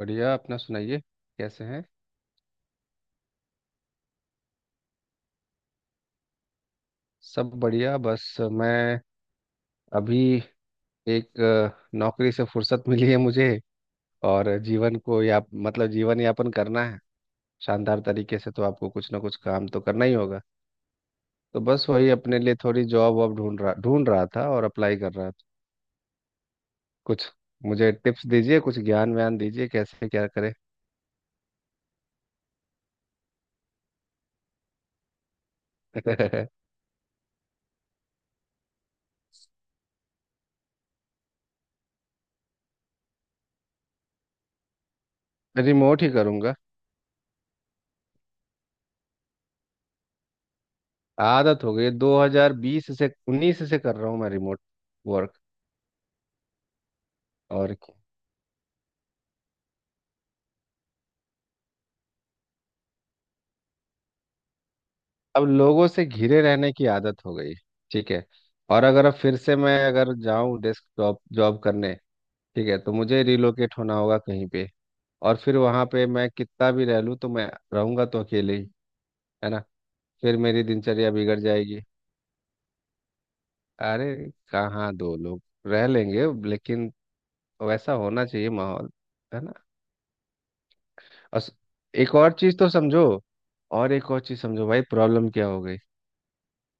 बढ़िया। अपना सुनाइए, कैसे हैं? सब बढ़िया, बस मैं अभी एक नौकरी से फुर्सत मिली है मुझे, और जीवन को या मतलब जीवन यापन करना है शानदार तरीके से, तो आपको कुछ ना कुछ काम तो करना ही होगा। तो बस वही, अपने लिए थोड़ी जॉब वॉब ढूंढ रहा था और अप्लाई कर रहा था कुछ। मुझे टिप्स दीजिए, कुछ ज्ञान व्यान दीजिए, कैसे क्या करें। रिमोट ही करूंगा। आदत हो गई, 2020 से 19 से कर रहा हूँ मैं रिमोट वर्क। और अब लोगों से घिरे रहने की आदत हो गई, ठीक है। और अगर अब फिर से मैं अगर जाऊं डेस्क जॉब जॉब करने, ठीक है, तो मुझे रिलोकेट होना होगा कहीं पे। और फिर वहां पे मैं कितना भी रह लूं तो मैं रहूंगा तो अकेले ही, है ना। फिर मेरी दिनचर्या बिगड़ जाएगी। अरे, कहाँ दो लोग, रह लेंगे लेकिन वैसा होना चाहिए माहौल, है ना। और स- एक और चीज तो समझो और एक और चीज समझो भाई, प्रॉब्लम क्या हो गई?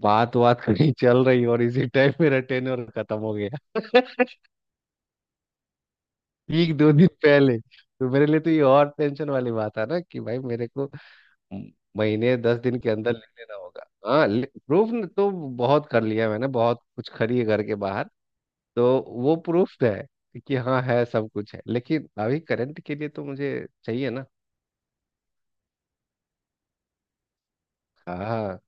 बात बात कहीं चल रही और इसी टाइम मेरा टेन्योर खत्म हो गया। ठीक 2 दिन पहले, तो मेरे लिए तो ये और टेंशन वाली बात है ना कि भाई मेरे को म- महीने 10 दिन के अंदर लिख लेना होगा। हाँ, प्रूफ। तो बहुत कर लिया मैंने, बहुत कुछ खरी है घर के बाहर। तो वो प्रूफ है कि हाँ है, सब कुछ है, लेकिन अभी करंट के लिए तो मुझे चाहिए ना। हाँ,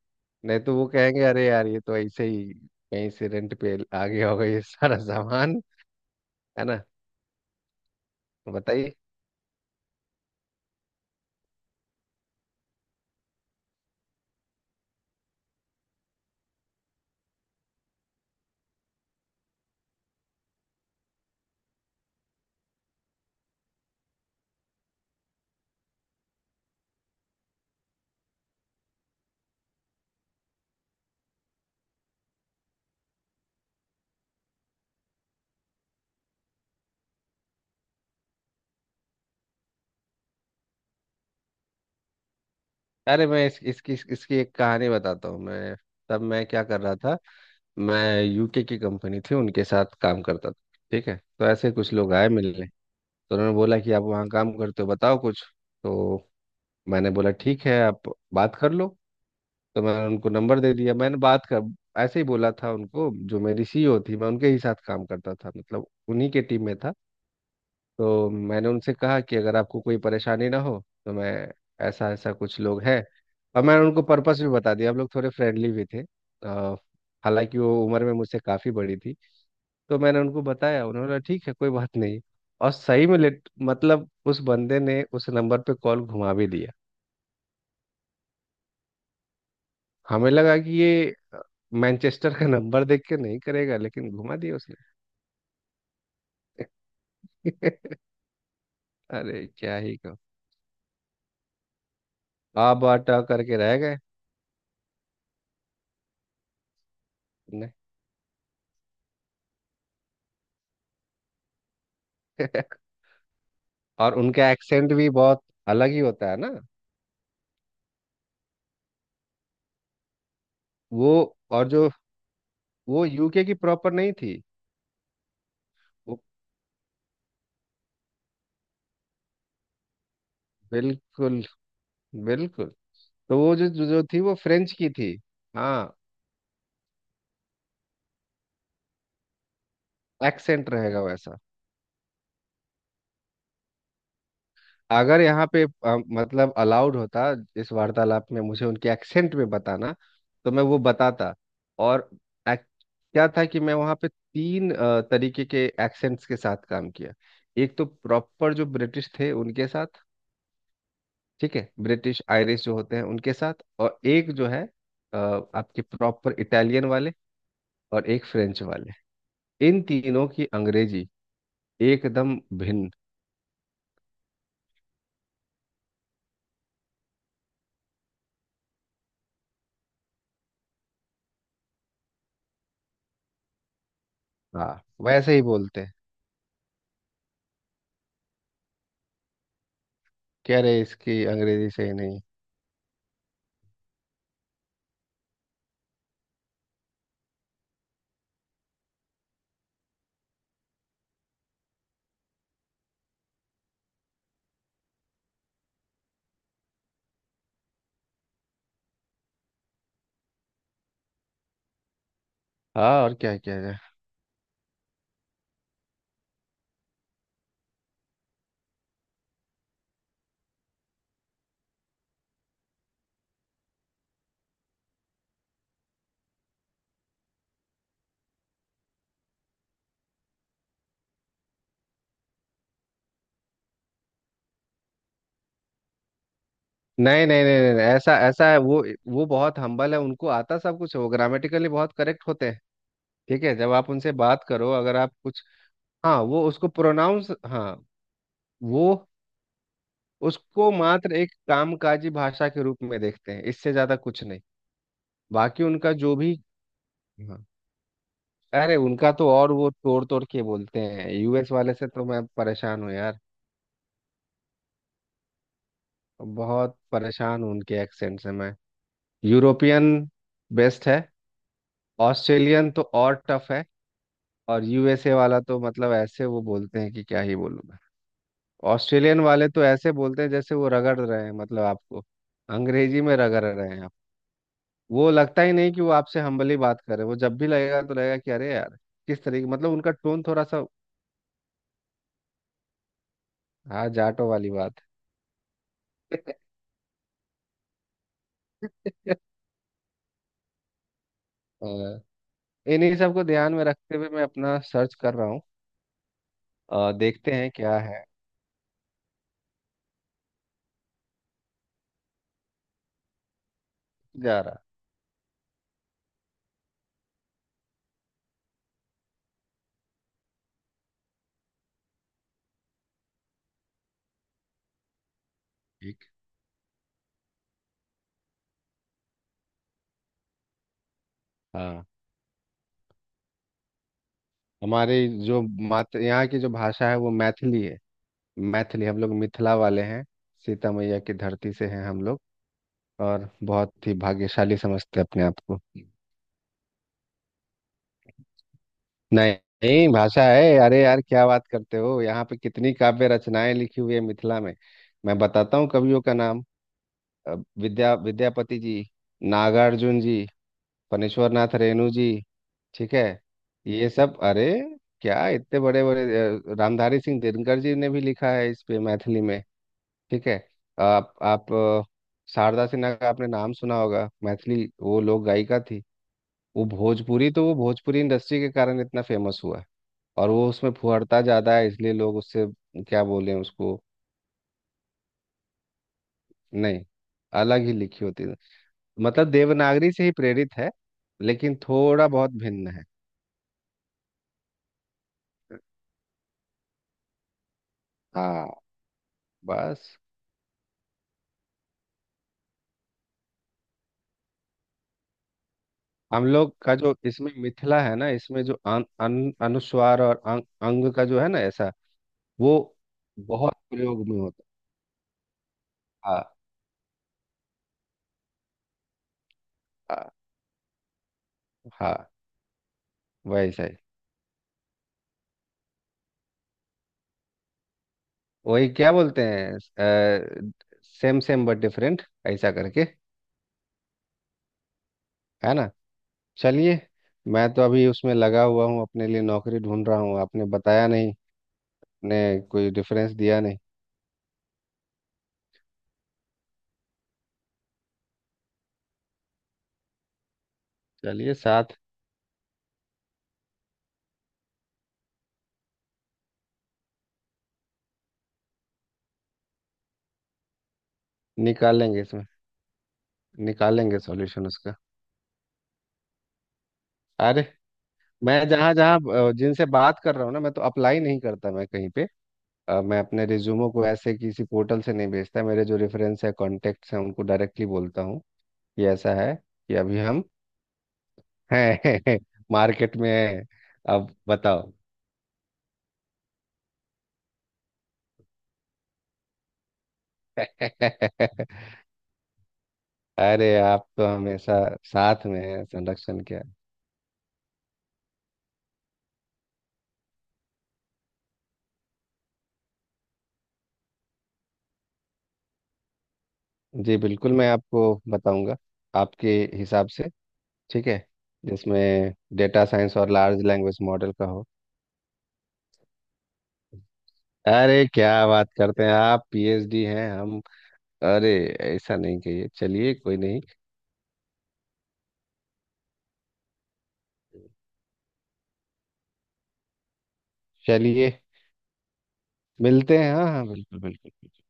नहीं तो वो कहेंगे अरे यार ये तो ऐसे ही कहीं से रेंट पे आ गया होगा ये सारा सामान, है ना। तो बताइए। अरे, मैं इस, इसकी इसकी एक कहानी बताता हूँ मैं। तब मैं क्या कर रहा था, मैं यूके की कंपनी थी उनके साथ काम करता था, ठीक है। तो ऐसे कुछ लोग आए मिलने, तो उन्होंने बोला कि आप वहाँ काम करते हो बताओ कुछ। तो मैंने बोला ठीक है, आप बात कर लो। तो मैंने उनको नंबर दे दिया, मैंने बात कर, ऐसे ही बोला था उनको, जो मेरी सीईओ थी, मैं उनके ही साथ काम करता था मतलब उन्हीं के टीम में था। तो मैंने उनसे कहा कि अगर आपको कोई परेशानी ना हो तो मैं, ऐसा ऐसा कुछ लोग हैं, और मैंने उनको पर्पस भी बता दिया, हम लोग थोड़े फ्रेंडली भी थे। अ, हालांकि वो उम्र में मुझसे काफ़ी बड़ी थी। तो मैंने उनको बताया, उन्होंने बोला ठीक है कोई बात नहीं। और सही में लेट मतलब उस बंदे ने उस नंबर पे कॉल घुमा भी दिया। हमें लगा कि ये मैनचेस्टर का नंबर देख के नहीं करेगा, लेकिन घुमा दिया उसने। अरे क्या ही कहो। आप आटा करके रह गए। नहीं। और उनका एक्सेंट भी बहुत अलग ही होता है ना। वो और जो वो यूके की प्रॉपर नहीं थी। वो बिल्कुल बिल्कुल। तो वो जो जो जो थी वो फ्रेंच की थी। हाँ, एक्सेंट रहेगा वैसा। अगर यहाँ पे मतलब अलाउड होता इस वार्तालाप में मुझे उनके एक्सेंट में बताना, तो मैं वो बताता। और act- क्या था कि मैं वहाँ पे तीन तरीके के एक्सेंट्स के साथ काम किया। एक तो प्रॉपर जो ब्रिटिश थे उनके साथ, ठीक है, ब्रिटिश आयरिश जो होते हैं उनके साथ, और एक जो है आपके प्रॉपर इटालियन वाले, और एक फ्रेंच वाले। इन तीनों की अंग्रेजी एकदम भिन्न। हाँ, वैसे ही बोलते हैं। कह रहे इसकी अंग्रेजी सही नहीं। हाँ और क्या किया जाए। नहीं नहीं नहीं नहीं नहीं, ऐसा ऐसा है वो। वो बहुत हम्बल है, उनको आता सब कुछ है, वो ग्रामेटिकली बहुत करेक्ट होते हैं। ठीक है, जब आप उनसे बात करो अगर आप कुछ। हाँ, वो उसको प्रोनाउंस। हाँ, वो उसको मात्र एक कामकाजी भाषा के रूप में देखते हैं, इससे ज्यादा कुछ नहीं। बाकी उनका जो भी। हाँ। अरे उनका तो, और वो तोड़ तोड़ के बोलते हैं, यूएस वाले से तो मैं परेशान हूँ यार। बहुत परेशान हूँ उनके एक्सेंट से मैं। यूरोपियन बेस्ट है। ऑस्ट्रेलियन तो और टफ है। और यूएसए वाला तो मतलब ऐसे वो बोलते हैं कि क्या ही बोलूं मैं। ऑस्ट्रेलियन वाले तो ऐसे बोलते हैं जैसे वो रगड़ रहे हैं, मतलब आपको अंग्रेजी में रगड़ रहे हैं आप। वो लगता ही नहीं कि वो आपसे हम्बली बात कर रहे हैं। वो जब भी लगेगा तो लगेगा कि अरे यार, किस तरीके, मतलब उनका टोन थोड़ा सा। हाँ, जाटो वाली बात है। अ, इन्हीं सब को ध्यान में रखते हुए मैं अपना सर्च कर रहा हूँ। देखते हैं क्या है। जा रहा। ठीक। हाँ, हमारे जो मात यहाँ की जो भाषा है वो मैथिली है। मैथिली, हम लोग मिथिला वाले हैं। सीता मैया की धरती से हैं हम लोग। और बहुत ही भाग्यशाली समझते हैं अपने आप को। नहीं नहीं, भाषा है। अरे यार क्या बात करते हो, यहाँ पे कितनी काव्य रचनाएं लिखी हुई है मिथिला में। मैं बताता हूँ कवियों का नाम। अ, विद्यापति जी, नागार्जुन जी, फणीश्वर नाथ रेणु जी, ठीक है, ये सब। अरे, क्या इतने बड़े बड़े, रामधारी सिंह दिनकर जी ने भी लिखा है इस पे मैथिली में, ठीक है। आप शारदा सिन्हा का आपने नाम सुना होगा, मैथिली वो लोक गायिका थी। वो भोजपुरी तो, वो भोजपुरी इंडस्ट्री के कारण इतना फेमस हुआ है। और वो उसमें फुहड़ता ज्यादा है इसलिए लोग उससे, क्या बोले उसको। नहीं, अलग ही लिखी होती है। मतलब देवनागरी से ही प्रेरित है, लेकिन थोड़ा बहुत भिन्न है। हाँ, बस। हम लोग का जो इसमें मिथिला है ना, इसमें जो अन, अन, अनुस्वार और अंग का जो है ना ऐसा, वो बहुत प्रयोग में होता है। हाँ हाँ, वैसा ही। वही, क्या बोलते हैं, सेम सेम बट डिफरेंट ऐसा करके, है ना। चलिए। मैं तो अभी उसमें लगा हुआ हूँ, अपने लिए नौकरी ढूंढ रहा हूँ। आपने बताया नहीं, ने कोई डिफरेंस दिया नहीं। चलिए, साथ निकालेंगे इसमें। निकालेंगे सॉल्यूशन उसका। अरे, मैं जहाँ जहाँ जिनसे बात कर रहा हूँ ना, मैं तो अप्लाई नहीं करता मैं कहीं पे। मैं अपने रिज्यूमो को ऐसे किसी पोर्टल से नहीं भेजता, मेरे जो रेफरेंस है कॉन्टेक्ट्स हैं उनको डायरेक्टली बोलता हूँ कि ऐसा है कि अभी हम है मार्केट में है। अब बताओ। अरे आप तो हमेशा साथ में हैं, संरक्षण क्या। जी बिल्कुल, मैं आपको बताऊंगा आपके हिसाब से, ठीक है, जिसमें डेटा साइंस और लार्ज लैंग्वेज मॉडल का हो। अरे क्या बात करते हैं, आप पीएचडी हैं हम। अरे ऐसा नहीं कहिए, चलिए कोई नहीं। चलिए, मिलते हैं, हाँ हाँ बिल्कुल बिल्कुल।